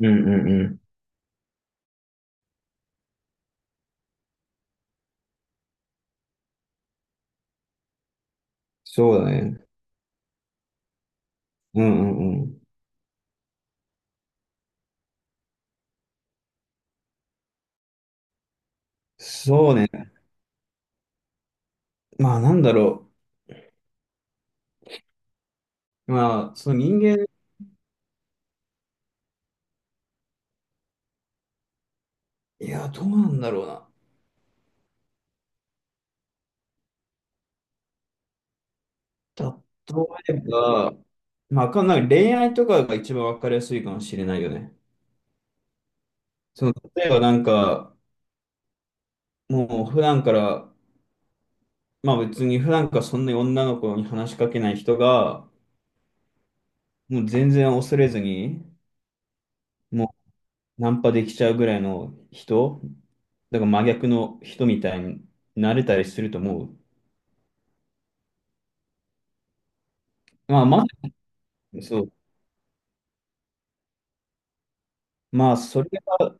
うんうんうん。そうだね。うんうんうん。そうね。まあ、なんだろう。まあ、その人間、いや、どうなんだろうな。例えば、まあわかんない。恋愛とかが一番わかりやすいかもしれないよね。その、例えばなんか、もう普段から、まあ別に普段からそんなに女の子に話しかけない人が、もう全然恐れずに、もうナンパできちゃうぐらいの人、だから真逆の人みたいになれたりすると思う。まあまあ、そう。まあ、それが、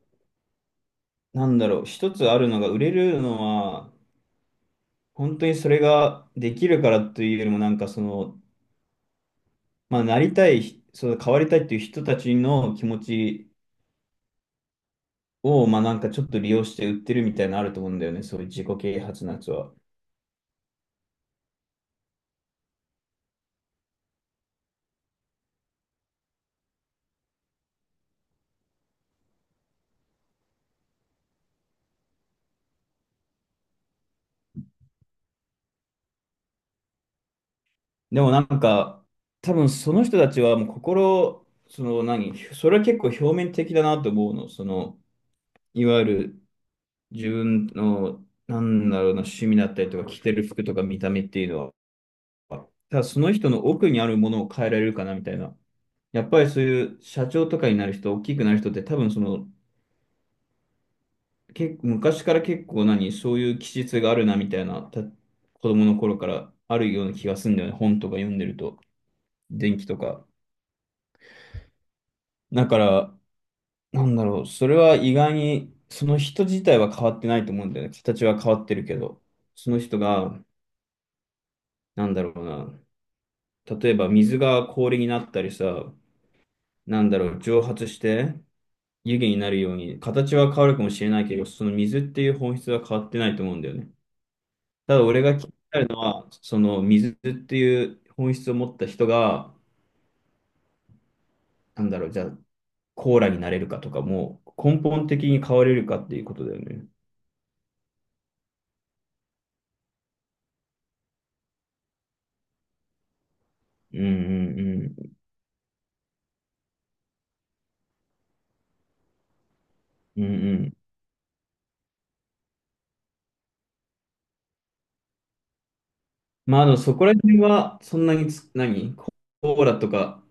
なんだろう、一つあるのが、売れるのは、本当にそれができるからというよりも、なんかその、まあ、なりたい、そう変わりたいっていう人たちの気持ちを、まあ、なんかちょっと利用して売ってるみたいなのあると思うんだよね、そういう自己啓発のやつは。でもなんか、多分その人たちはもう心、その何、それは結構表面的だなと思うの、その、いわゆる自分の、なんだろうな、趣味だったりとか、着てる服とか見た目っていうのは、ただその人の奥にあるものを変えられるかなみたいな。やっぱりそういう社長とかになる人、大きくなる人って多分その、結構昔から結構何、そういう気質があるなみたいな、子供の頃からあるような気がするんだよね。本とか読んでると、電気とか。だから、なんだろう、それは意外に、その人自体は変わってないと思うんだよね。形は変わってるけど、その人が、なんだろうな、例えば水が氷になったりさ、なんだろう、蒸発して、湯気になるように、形は変わるかもしれないけど、その水っていう本質は変わってないと思うんだよね。ただ俺が気になるのは、その水っていう本質を持った人が、なんだろう、じゃあコーラになれるかとかも、根本的に変われるかっていうことだよね。うんうんうん。うんうん。まあ、あの、そこら辺は、そんなにつ、何ココーラとか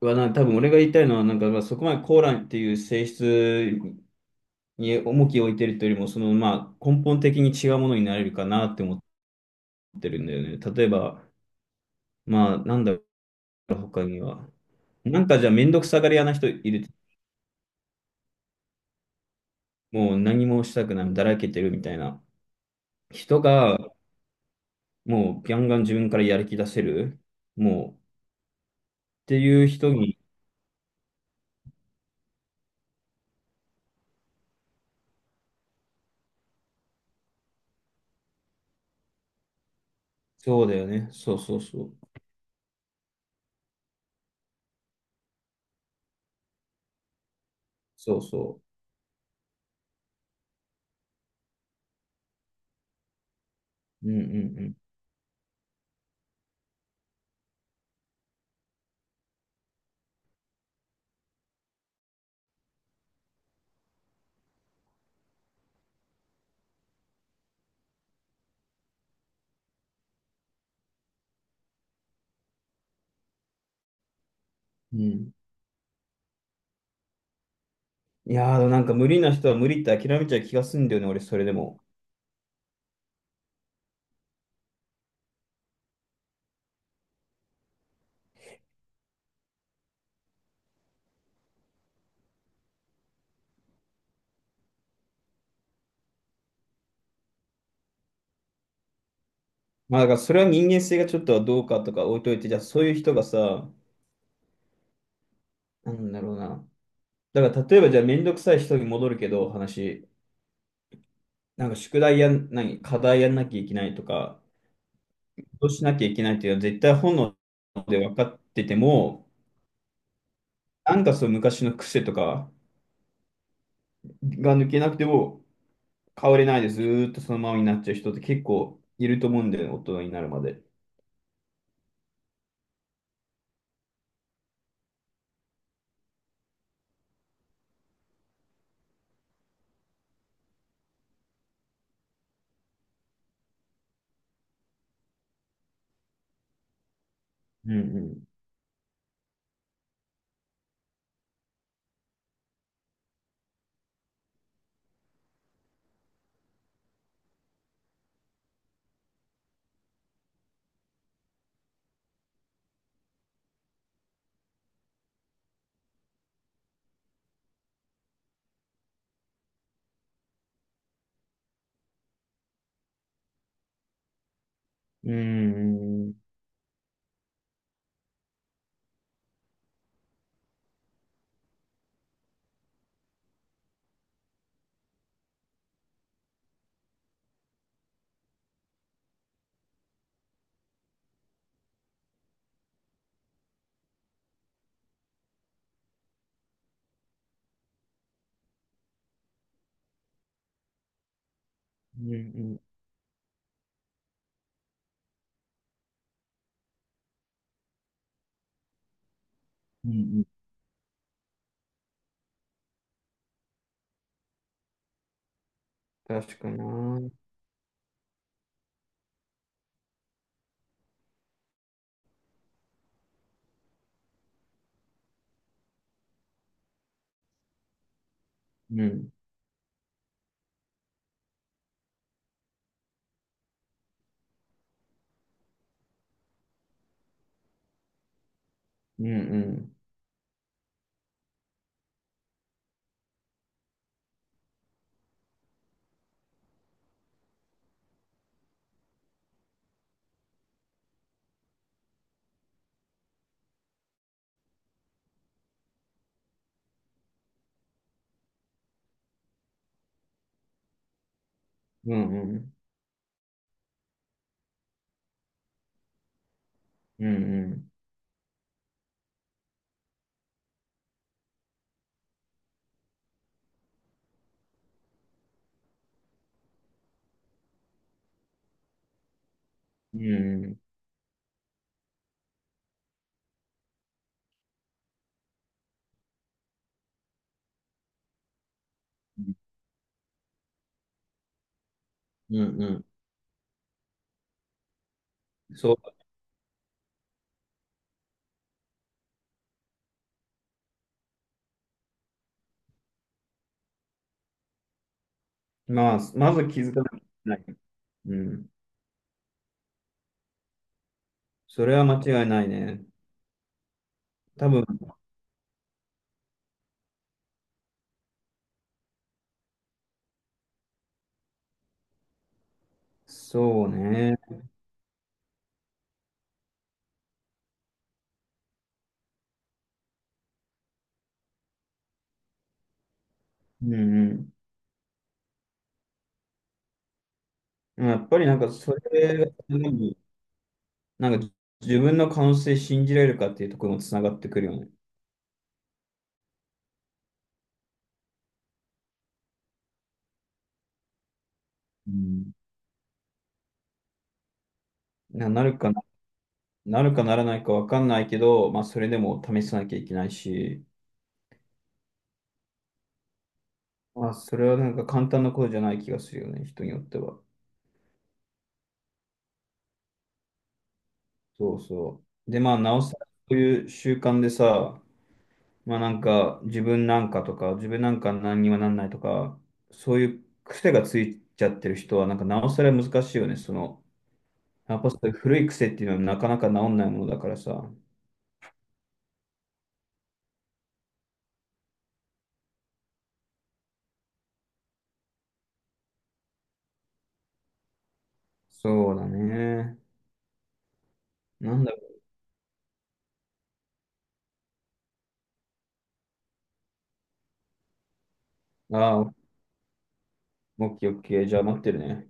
はな、多分俺が言いたいのは、なんか、まあ、そこまでコーラっていう性質に重きを置いてるというよりも、その、まあ、根本的に違うものになれるかなって思ってってるんだよね。例えば、まあ、なんだろう、他には。なんかじゃあ、めんどくさがり屋な人いる。もう何もしたくない、だらけてるみたいな。人が、もう、ガンガン自分からやる気出せる。もう、っていう人に、そうだよね。そうそうそう。そうそう。うんうんうん。うん。いやー、なんか無理な人は無理って諦めちゃう気がするんだよね、俺、それでも。まあ、だからそれは人間性がちょっとはどうかとか置いといて、じゃあそういう人がさ、なんだろうな。だから例えばじゃあめんどくさい人に戻るけど、話。なんか宿題やん、何、課題やんなきゃいけないとか、どうしなきゃいけないっていうのは絶対本能で分かってても、なんかその昔の癖とかが抜けなくても変われないでずーっとそのままになっちゃう人って結構いると思うんだよね、大人になるまで。うんうん。うんうん。うんうん。うんうん。確かな。うんうん。うんうん。うんうん。うんうん。うんうん。そう。まあ、まず気づかなきゃいけない。うん。それは間違いないね。多分、そうね。うんうん。やっぱりなんかそれが、なんか自分の可能性信じられるかっていうところもつながってくるよね。うん。なるかな、なるかならないかわかんないけど、まあそれでも試さなきゃいけないし、まあそれはなんか簡単なことじゃない気がするよね、人によっては。そうそう。で、まあなおさらこういう習慣でさ、まあなんか、自分なんかとか、自分なんか何にもなんないとか、そういう癖がついちゃってる人は、なんかなおさら難しいよね。その、やっぱそういう古い癖っていうのはなかなか治んないものだからさ。そうだね。なんだろう。ああ、オッケーオッケー。じゃあ待ってるね。